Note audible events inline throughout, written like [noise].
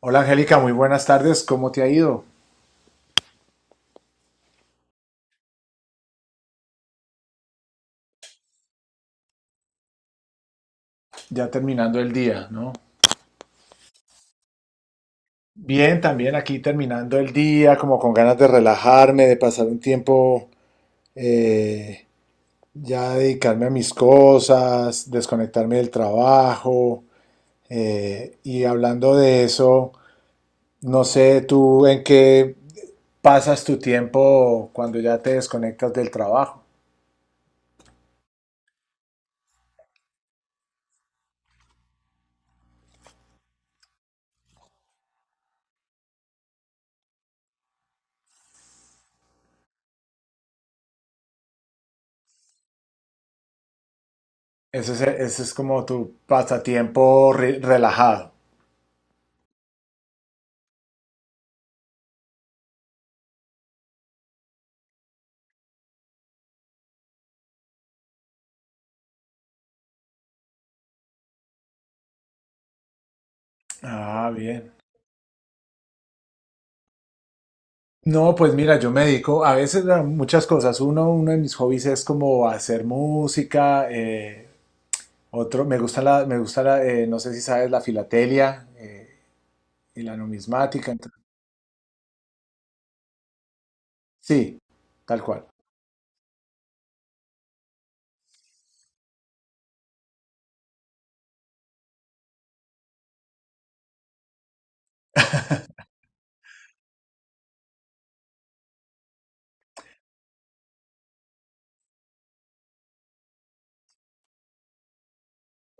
Hola Angélica, muy buenas tardes. ¿Cómo te ha ido? Ya terminando el día, ¿no? Bien, también aquí terminando el día, como con ganas de relajarme, de pasar un tiempo, eh, ya dedicarme a mis cosas, desconectarme del trabajo. Y hablando de eso, no sé tú en qué pasas tu tiempo cuando ya te desconectas del trabajo. Ese es como tu pasatiempo relajado. Ah, bien. No, pues mira, yo me dedico a veces a muchas cosas. Uno de mis hobbies es como hacer música. Otro, me gusta me gusta no sé si sabes, la filatelia y la numismática. Sí, tal cual.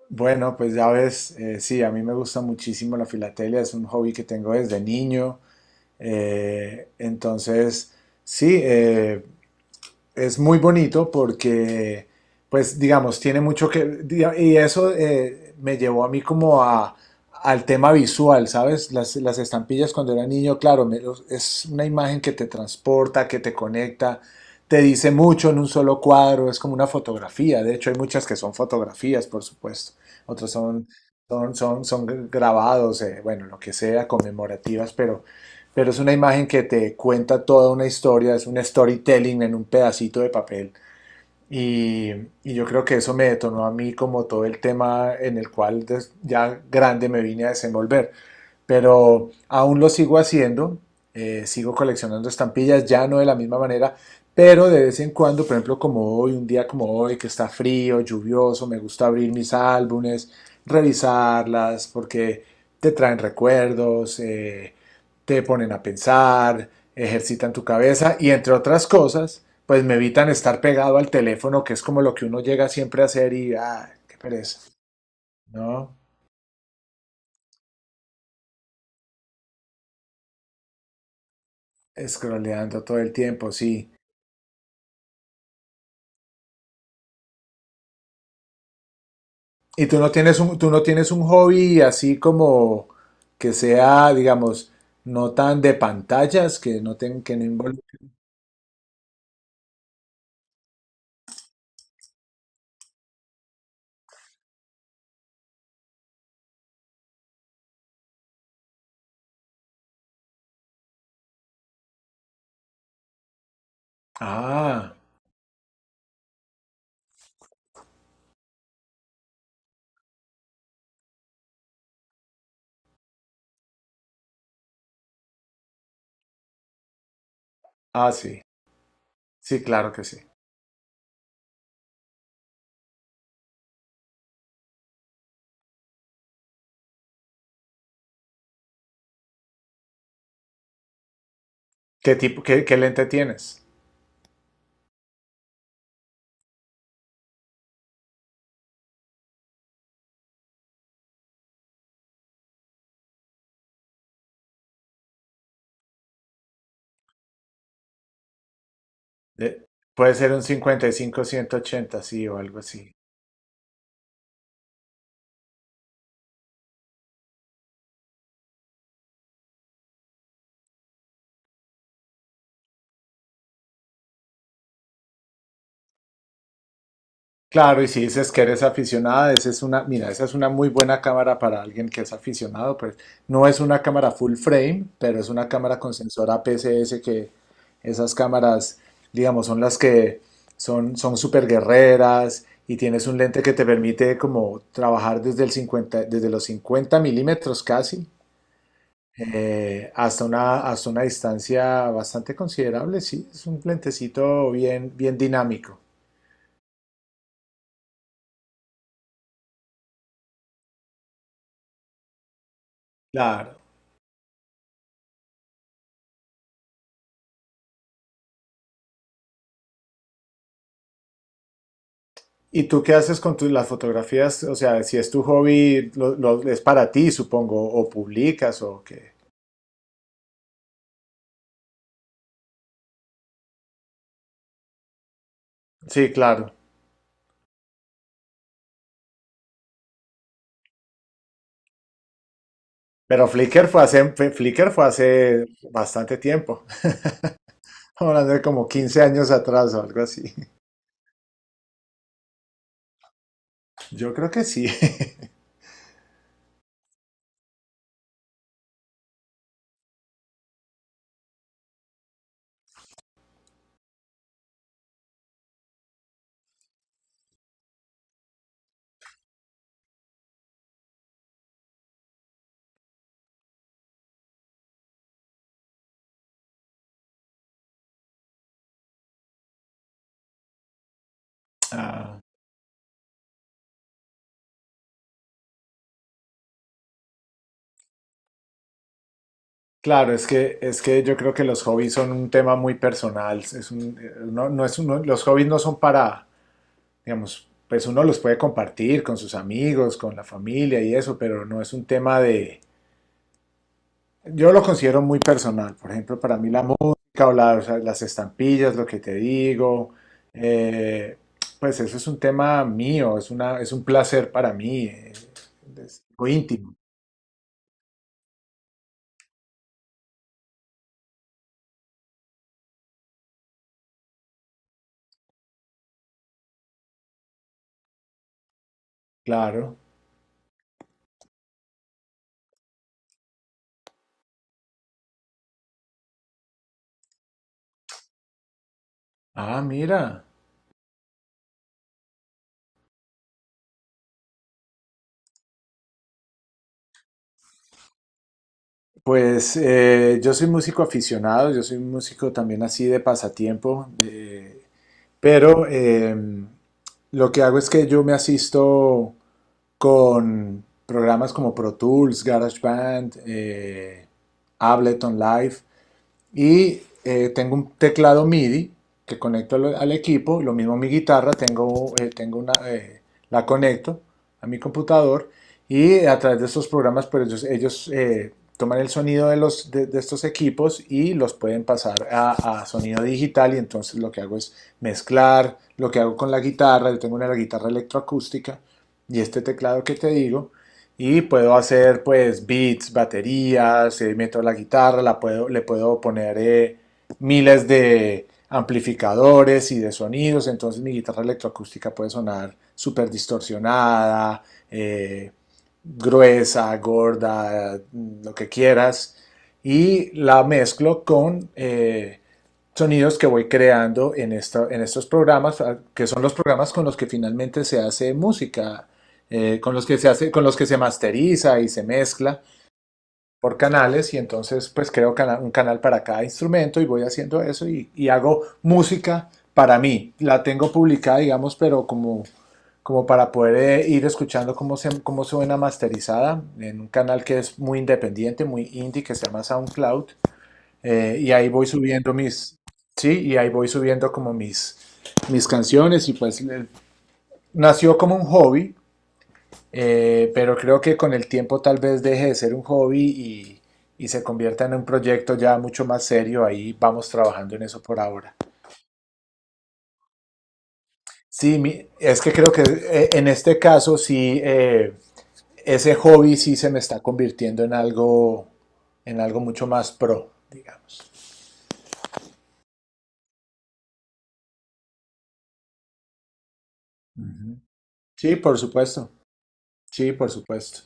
Bueno, pues ya ves, sí, a mí me gusta muchísimo la filatelia. Es un hobby que tengo desde niño. Entonces, sí. Es muy bonito porque, pues, digamos, tiene mucho que... Y eso me llevó a mí como al tema visual, ¿sabes? Las estampillas cuando era niño, claro, es una imagen que te transporta, que te conecta, te dice mucho en un solo cuadro, es como una fotografía. De hecho, hay muchas que son fotografías, por supuesto. Otras son, son grabados, bueno, lo que sea, conmemorativas, pero es una imagen que te cuenta toda una historia, es un storytelling en un pedacito de papel. Y, y yo creo que eso me detonó a mí como todo el tema en el cual ya grande me vine a desenvolver pero aún lo sigo haciendo, sigo coleccionando estampillas, ya no de la misma manera, pero de vez en cuando, por ejemplo, como hoy, un día como hoy, que está frío, lluvioso, me gusta abrir mis álbumes, revisarlas, porque te traen recuerdos, te ponen a pensar, ejercitan tu cabeza y entre otras cosas, pues me evitan estar pegado al teléfono, que es como lo que uno llega siempre a hacer y, ah, qué pereza, ¿no? Scrolleando todo el tiempo, sí. ¿Y tú no tienes tú no tienes un hobby así como que sea, digamos, no tan de pantallas, que que no involucre? Ah, ah, sí. Sí, claro que sí. ¿Qué tipo, qué lente tienes? De- Puede ser un 55-180, sí, o algo así. Claro, y si dices que eres aficionada, esa es una, mira, esa es una muy buena cámara para alguien que es aficionado, pues no es una cámara full frame, pero es una cámara con sensor APS-C que esas cámaras, digamos, son las que son super guerreras y tienes un lente que te permite como trabajar desde el 50, desde los 50 milímetros casi hasta una distancia bastante considerable, sí, es un lentecito bien bien dinámico. Claro. ¿Y tú qué haces con las fotografías? O sea, si es tu hobby, es para ti, supongo, o publicas o qué. Sí, claro. Pero Flickr fue Flickr fue hace bastante tiempo. [laughs] Hablando de como 15 años atrás o algo así. Yo creo que sí. [laughs] Ah, claro, es que yo creo que los hobbies son un tema muy personal. No, los hobbies no son para, digamos, pues uno los puede compartir con sus amigos, con la familia y eso, pero no es un tema de, yo lo considero muy personal. Por ejemplo, para mí la música o, o sea, las estampillas, lo que te digo, eh, pues eso es un tema mío, es una, es un placer para mí, es algo íntimo, claro. Ah, mira. Pues yo soy músico aficionado, yo soy un músico también así de pasatiempo, pero lo que hago es que yo me asisto con programas como Pro Tools, GarageBand, Ableton Live, y tengo un teclado MIDI que conecto al equipo, lo mismo mi guitarra, tengo, la conecto a mi computador y a través de estos programas, pues ellos, toman el sonido de estos equipos y los pueden pasar a sonido digital y entonces lo que hago es mezclar lo que hago con la guitarra, yo tengo una la guitarra electroacústica y este teclado que te digo y puedo hacer pues beats, baterías, meto la guitarra, le puedo poner miles de amplificadores y de sonidos, entonces mi guitarra electroacústica puede sonar súper distorsionada, eh, gruesa, gorda, lo que quieras, y la mezclo con sonidos que voy creando en estos programas, ah, que son los programas con los que finalmente se hace música con los que se hace, con los que se masteriza y se mezcla por canales y entonces pues creo cana un canal para cada instrumento y voy haciendo eso y, hago música para mí. La tengo publicada, digamos, pero como, como para poder ir escuchando cómo suena masterizada en un canal que es muy independiente, muy indie, que se llama SoundCloud. Y ahí voy subiendo mis, sí, y ahí voy subiendo como mis, mis canciones y pues nació como un hobby pero creo que con el tiempo tal vez deje de ser un hobby y se convierta en un proyecto ya mucho más serio. Ahí vamos trabajando en eso por ahora. Sí, es que creo que en este caso sí, ese hobby sí se me está convirtiendo en algo mucho más pro, digamos. Ujú. Sí, por supuesto. Sí, por supuesto.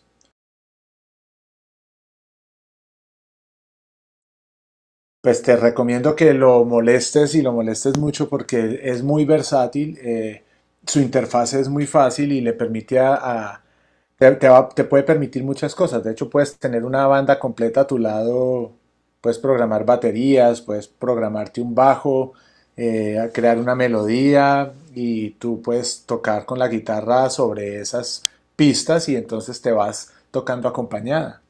Pues te recomiendo que lo molestes y lo molestes mucho porque es muy versátil, su interfaz es muy fácil y le permite te puede permitir muchas cosas. De hecho, puedes tener una banda completa a tu lado, puedes programar baterías, puedes programarte un bajo, crear una melodía y tú puedes tocar con la guitarra sobre esas pistas y entonces te vas tocando acompañada.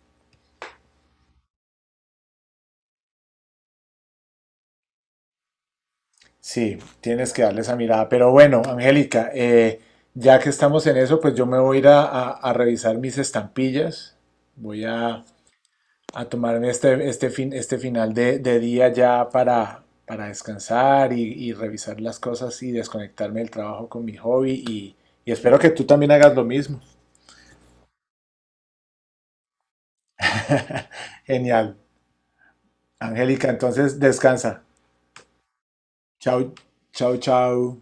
Sí, tienes que darle esa mirada. Pero bueno, Angélica, ya que estamos en eso, pues yo me voy a ir a revisar mis estampillas. Voy a tomarme este, este final de día ya para descansar y revisar las cosas y desconectarme del trabajo con mi hobby. Y espero que tú también hagas lo mismo. Genial. Angélica, entonces descansa. Chao, chao.